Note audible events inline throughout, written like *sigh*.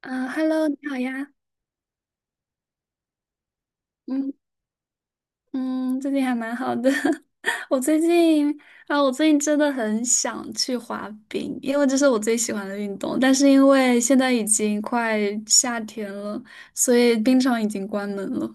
啊，Hello，你好呀。嗯嗯，最近还蛮好的。*laughs* 我最近我最近真的很想去滑冰，因为这是我最喜欢的运动。但是因为现在已经快夏天了，所以冰场已经关门了。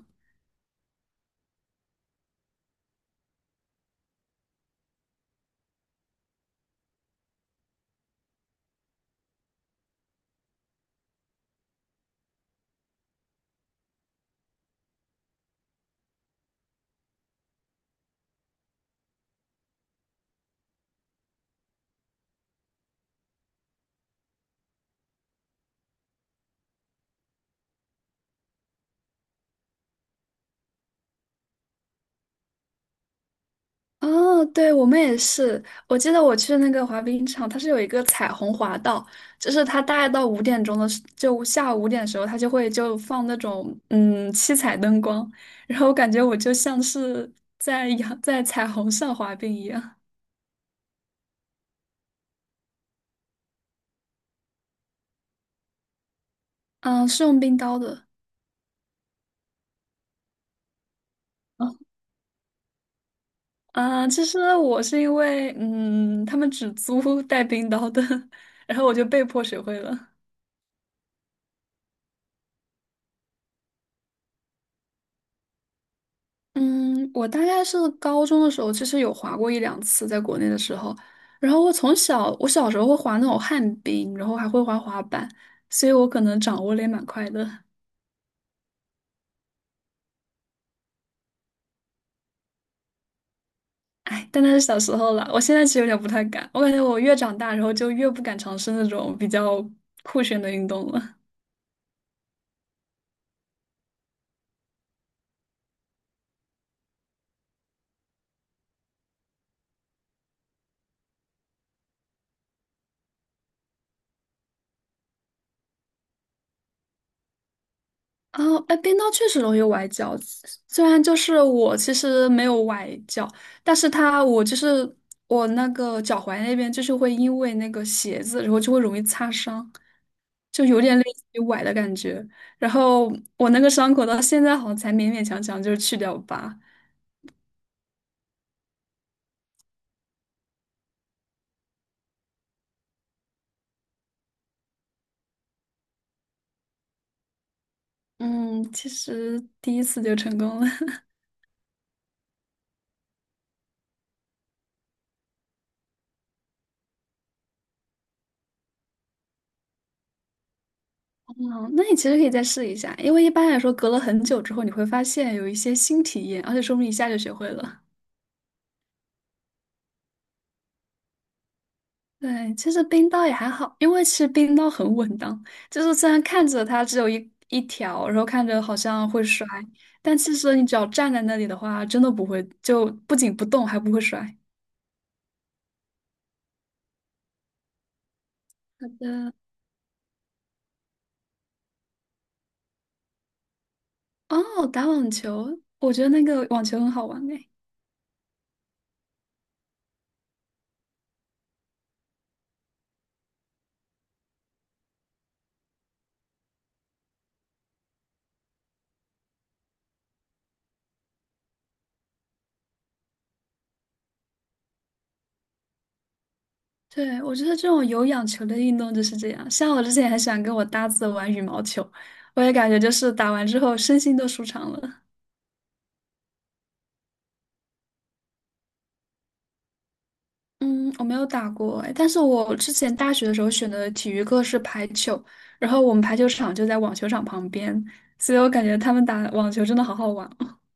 哦，对，我们也是。我记得我去那个滑冰场，它是有一个彩虹滑道，就是它大概到5点钟的时，就下午5点的时候，它就会就放那种七彩灯光，然后我感觉我就像是在彩虹上滑冰一样。嗯，是用冰刀的。哦啊，其实我是因为他们只租带冰刀的，*laughs* 然后我就被迫学会了。嗯，我大概是高中的时候，其实有滑过一两次，在国内的时候。然后我从小，我小时候会滑那种旱冰，然后还会滑滑板，所以我可能掌握的也蛮快的。哎，但那是小时候了，我现在其实有点不太敢。我感觉我越长大，然后就越不敢尝试那种比较酷炫的运动了。哦，哎，冰刀确实容易崴脚。虽然就是我其实没有崴脚，但是它我就是我那个脚踝那边就是会因为那个鞋子，然后就会容易擦伤，就有点类似于崴的感觉。然后我那个伤口到现在好像才勉勉强强就是去掉疤。嗯，其实第一次就成功了。*laughs* 嗯，那你其实可以再试一下，因为一般来说隔了很久之后，你会发现有一些新体验，而且说不定一下就学会了。对，其实冰刀也还好，因为其实冰刀很稳当，就是虽然看着它只有一条，然后看着好像会摔，但其实你只要站在那里的话，真的不会，就不仅不动，还不会摔。好的，哦，打网球，我觉得那个网球很好玩诶。对，我觉得这种有氧球的运动就是这样，像我之前也很喜欢跟我搭子玩羽毛球，我也感觉就是打完之后身心都舒畅了。嗯，我没有打过哎，但是我之前大学的时候选的体育课是排球，然后我们排球场就在网球场旁边，所以我感觉他们打网球真的好好玩。*laughs*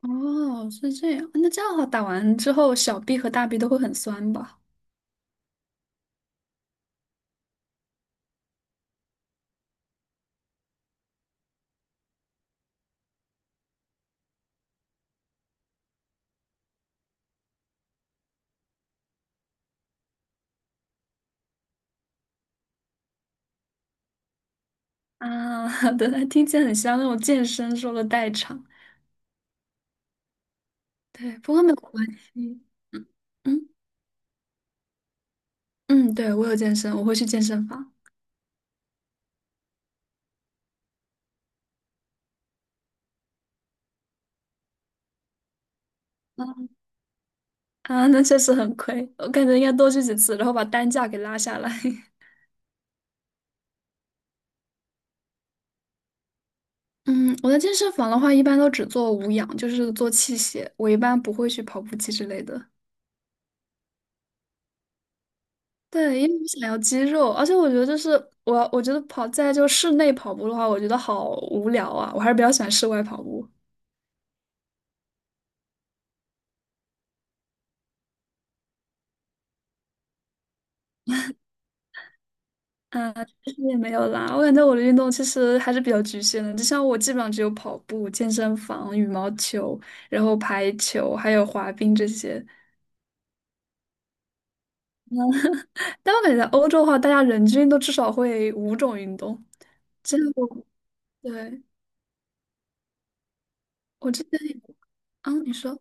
哦，是这样，那这样的话打完之后小臂和大臂都会很酸吧？啊，*laughs* 对，听起来很像那种健身说的代偿。对，不过没有关系。嗯嗯嗯，对，我有健身，我会去健身房。啊，那确实很亏，我感觉应该多去几次，然后把单价给拉下来。*laughs* 嗯，我在健身房的话，一般都只做无氧，就是做器械。我一般不会去跑步机之类的。对，因为我想要肌肉，而且我觉得就是我觉得跑在就室内跑步的话，我觉得好无聊啊，我还是比较喜欢室外跑步。嗯，其实也没有啦，我感觉我的运动其实还是比较局限的，就像我基本上只有跑步、健身房、羽毛球，然后排球，还有滑冰这些。但我感觉在欧洲的话，大家人均都至少会五种运动，这样我对。我之前啊，你说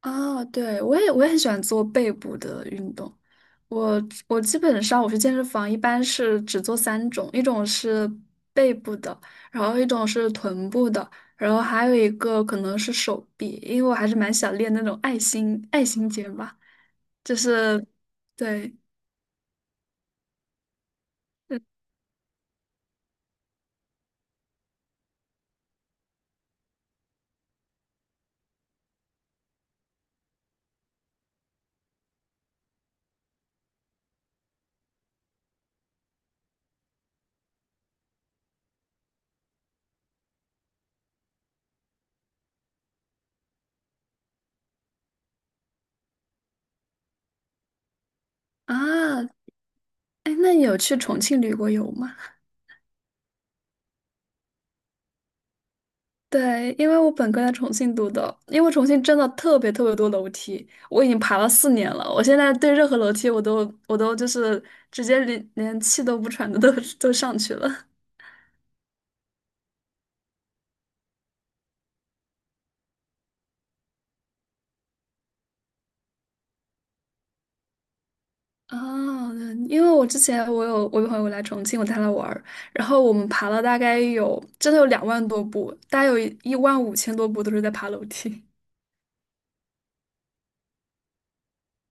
啊，对，我也很喜欢做背部的运动。我我基本上我去健身房一般是只做三种，一种是背部的，然后一种是臀部的，然后还有一个可能是手臂，因为我还是蛮想练那种爱心肩吧，就是对，嗯啊，哎，那你有去重庆旅过游吗？对，因为我本科在重庆读的，因为重庆真的特别特别多楼梯，我已经爬了4年了，我现在对任何楼梯我都就是直接连气都不喘的都 *laughs* 都上去了。哦，对因为我之前我有朋友来重庆，我带他玩儿，然后我们爬了大概有真的有2万多步，大概有1万5千多步都是在爬楼梯。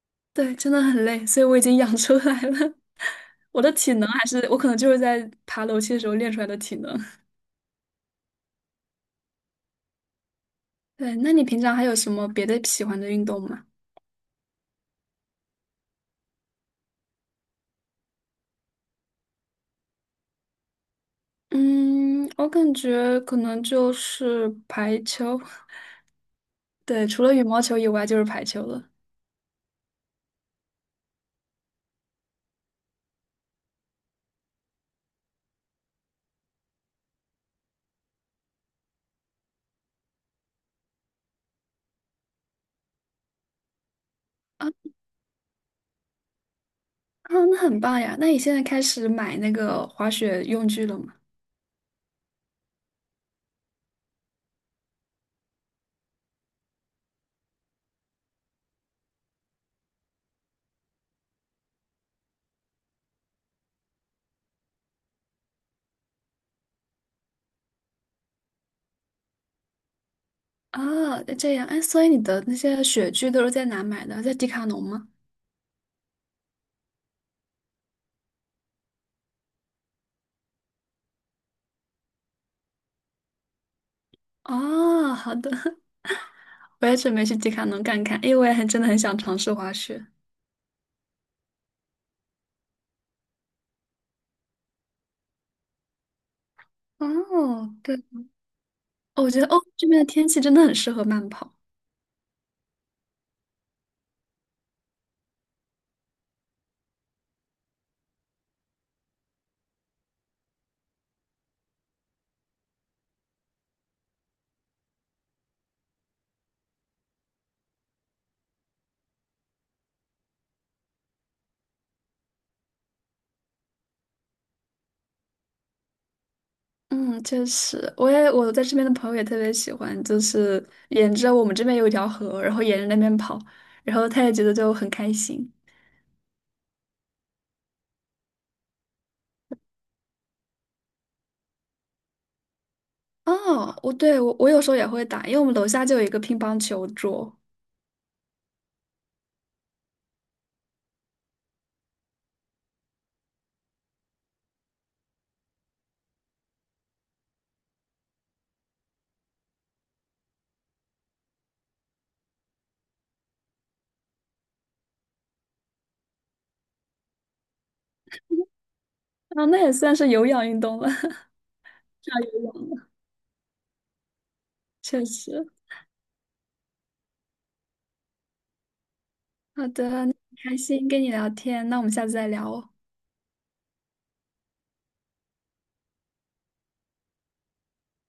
*laughs* 对，真的很累，所以我已经养出来了。*laughs* 我的体能还是我可能就是在爬楼梯的时候练出来的体能。对，那你平常还有什么别的喜欢的运动吗？嗯，我感觉可能就是排球，*laughs* 对，除了羽毛球以外就是排球了。啊啊，那很棒呀！那你现在开始买那个滑雪用具了吗？啊，这样，哎，所以你的那些雪具都是在哪买的？在迪卡侬吗？哦，好的，*laughs* 我也准备去迪卡侬看看，因为我也很真的很想尝试滑雪。哦，对，哦我觉得哦，这边的天气真的很适合慢跑。嗯，确实，我在这边的朋友也特别喜欢，就是沿着我们这边有一条河，然后沿着那边跑，然后他也觉得就很开心。哦，我对我我有时候也会打，因为我们楼下就有一个乒乓球桌，啊，那也算是有氧运动了，*laughs* 上有氧了，确实。好的，那很开心跟你聊天，那我们下次再聊哦。